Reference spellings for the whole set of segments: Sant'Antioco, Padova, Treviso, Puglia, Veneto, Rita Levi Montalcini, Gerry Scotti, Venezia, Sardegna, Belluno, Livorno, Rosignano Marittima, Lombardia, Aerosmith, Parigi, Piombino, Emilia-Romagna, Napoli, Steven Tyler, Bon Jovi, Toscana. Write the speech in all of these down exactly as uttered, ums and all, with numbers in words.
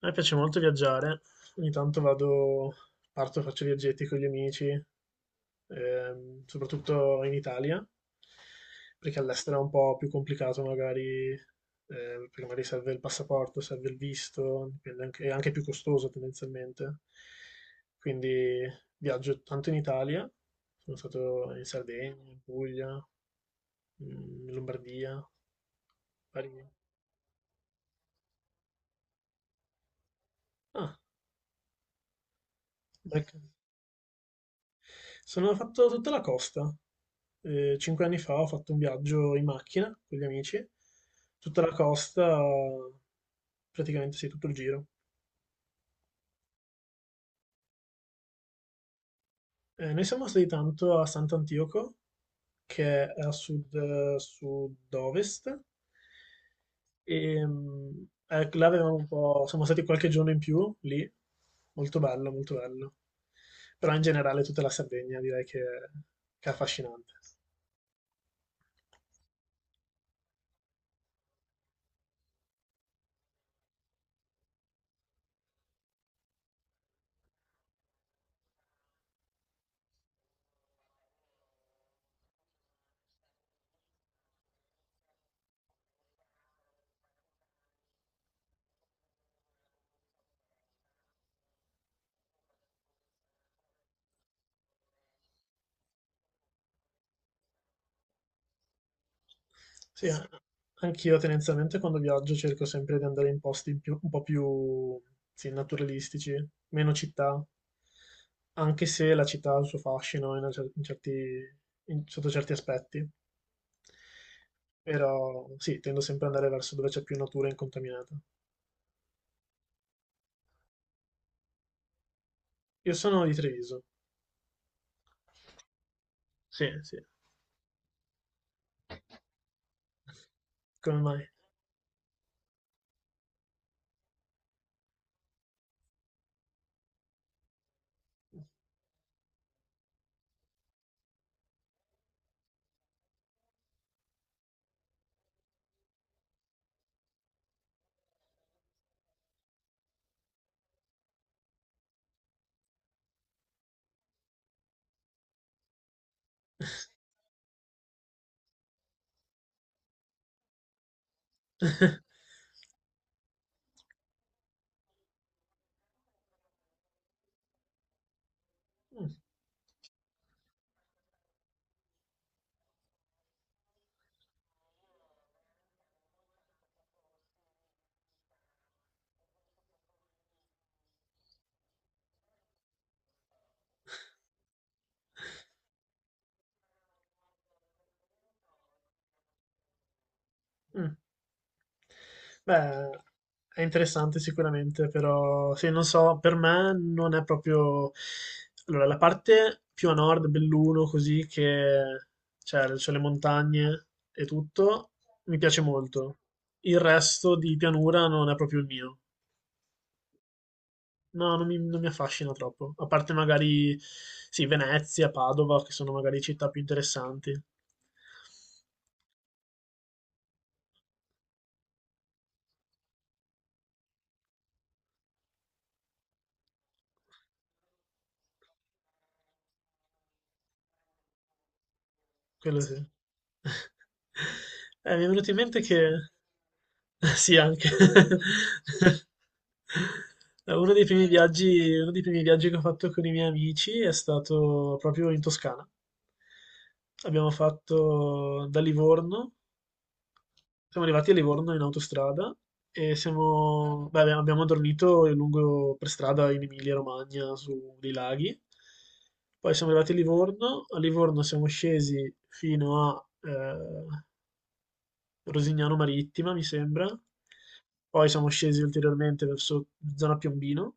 A me piace molto viaggiare, ogni tanto vado, parto, faccio viaggetti con gli amici, ehm, soprattutto in Italia, perché all'estero è un po' più complicato magari, eh, perché magari serve il passaporto, serve il visto, dipende anche- è anche più costoso tendenzialmente. Quindi viaggio tanto in Italia, sono stato in Sardegna, in Puglia, in Lombardia, Parigi. Ah, ecco. Sono fatto tutta la costa. Eh, cinque anni fa ho fatto un viaggio in macchina con gli amici, tutta la costa, praticamente sì, tutto il giro. Eh, noi siamo stati tanto a Sant'Antioco, che è a sud, sud-ovest, e mm, eh, là avevamo un po', siamo stati qualche giorno in più lì, molto bello, molto bello. Però in generale tutta la Sardegna direi che che è affascinante. Sì, a anch'io tendenzialmente quando viaggio cerco sempre di andare in posti in più un po' più, sì, naturalistici, meno città, anche se la città ha il suo fascino in una cer- in certi- in- sotto certi aspetti, però sì, tendo sempre ad andare verso dove c'è più natura incontaminata. Io sono di Treviso. Sì, sì. Come mai? Mm, mm. Beh, è interessante sicuramente, però sì, non so, per me non è proprio... Allora, la parte più a nord, Belluno, così che c'è c'è le montagne e tutto, mi piace molto. Il resto di pianura non è proprio il mio. No, non mi, non mi affascina troppo. A parte magari, sì, Venezia, Padova, che sono magari città più interessanti. Quello sì. Eh, mi è venuto in mente che... Sì, anche. Uno dei primi viaggi, uno dei primi viaggi che ho fatto con i miei amici è stato proprio in Toscana. Abbiamo fatto da Livorno, siamo arrivati a Livorno in autostrada e siamo, beh, abbiamo abbiamo dormito lungo per strada in Emilia-Romagna su dei laghi. Poi siamo arrivati a Livorno, a Livorno siamo scesi fino a, eh, Rosignano Marittima, mi sembra. Poi siamo scesi ulteriormente verso zona Piombino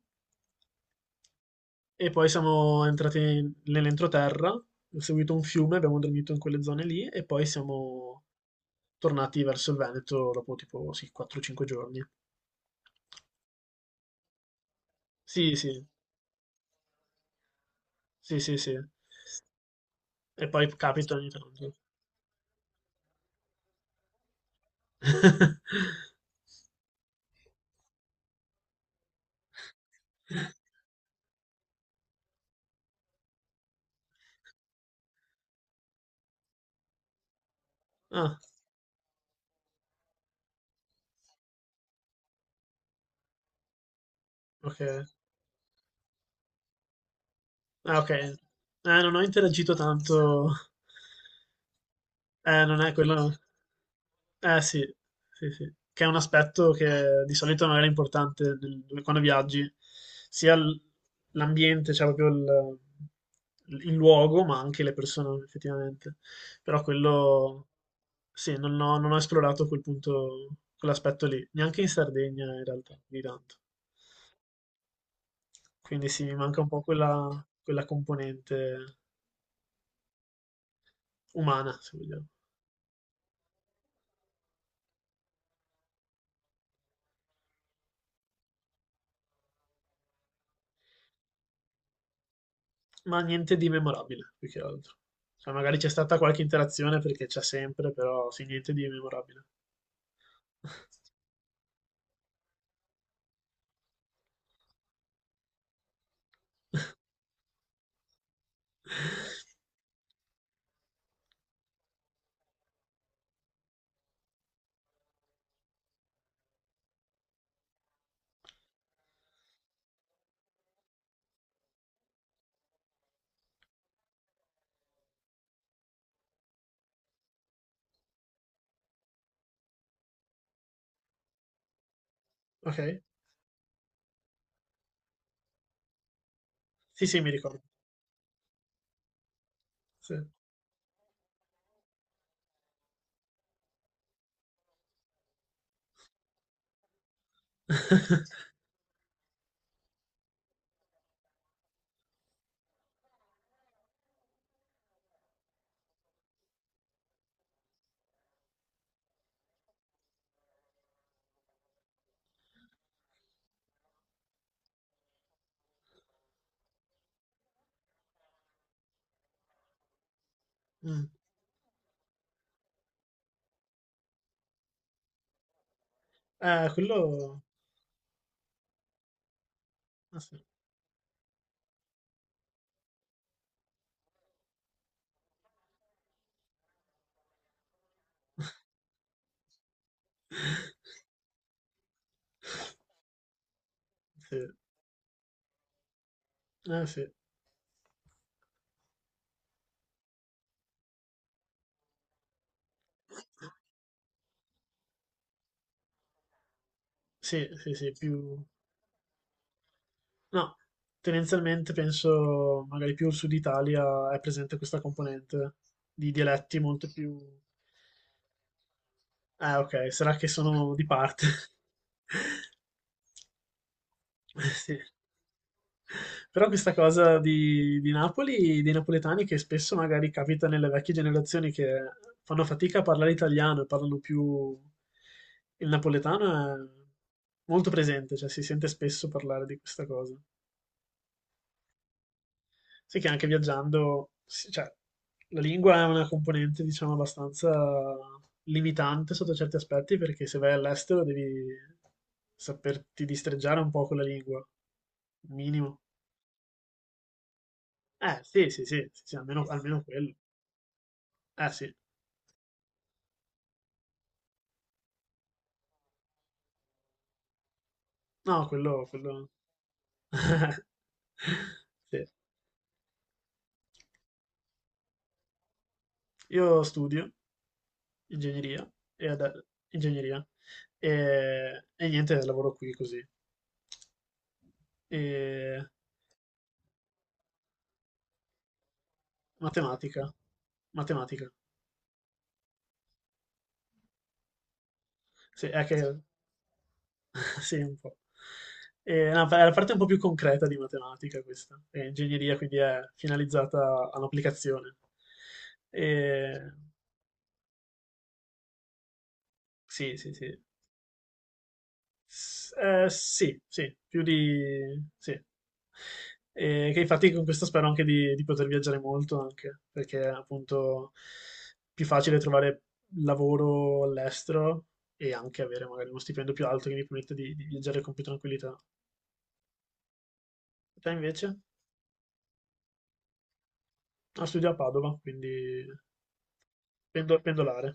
e poi siamo entrati in- nell'entroterra, ho seguito un fiume, abbiamo dormito in quelle zone lì e poi siamo tornati verso il Veneto dopo tipo sì, quattro o cinque giorni. Sì, sì, sì, sì, sì. E poi capita ogni tanto. Ah, ok. Ah, ok. Eh, non ho interagito tanto. Eh, non è quello. No. Eh sì, sì, sì. Che è un aspetto che di solito non era importante nel- quando viaggi, sia l- l'ambiente, cioè proprio il, il luogo, ma anche le persone effettivamente. Però quello, sì, non ho, non ho esplorato quel punto, quell'aspetto lì, neanche in Sardegna in realtà, di tanto. Quindi sì, mi manca un po' quella, quella componente umana, se vogliamo. Ma niente di memorabile, più che altro. Cioè, magari c'è stata qualche interazione perché c'è sempre, però sì, niente di memorabile. Ok? Sì, sì, mi ricordo. Sì. Mm. Eh, quello... Ah, sì, sì. Eh, sì. Sì, sì, sì, più... No, tendenzialmente penso magari più il sud Italia è presente questa componente di dialetti molto più... Ah, ok, sarà che sono di parte. Sì. Però questa cosa di, di Napoli, dei napoletani, che spesso magari capita nelle vecchie generazioni che fanno fatica a parlare italiano e parlano più il napoletano, è molto presente, cioè si sente spesso parlare di questa cosa. Sì che anche viaggiando, sì, cioè, la lingua è una componente, diciamo, abbastanza limitante sotto certi aspetti, perché se vai all'estero devi saperti distreggiare un po' con la lingua, minimo. Eh, sì, sì, sì, sì, sì, almeno, almeno quello. Eh, sì. No, quello, quello... Sì. Io studio ingegneria e, ad- ingegneria, e, e niente, lavoro qui così. E matematica, matematica, sì, è che... Sì, un po'. E, no, è la parte un po' più concreta di matematica questa. E ingegneria quindi è finalizzata all'applicazione. E, sì, sì, sì. S- eh, sì, sì, più di... sì. E che infatti con questo spero anche di, di poter viaggiare molto, anche perché è appunto più facile trovare lavoro all'estero e anche avere magari uno stipendio più alto che mi permette di, di viaggiare con più tranquillità. Te invece? Ah, studio a Padova, quindi pendo- pendolare.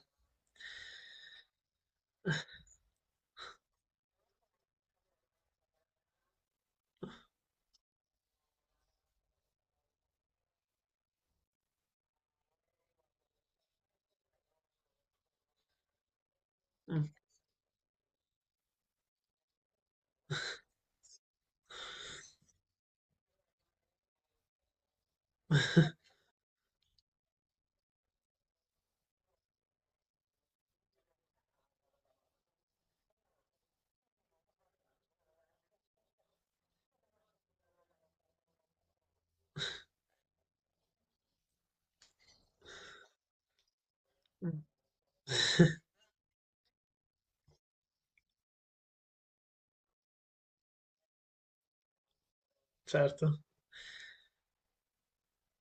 Mm. Mm. Certo.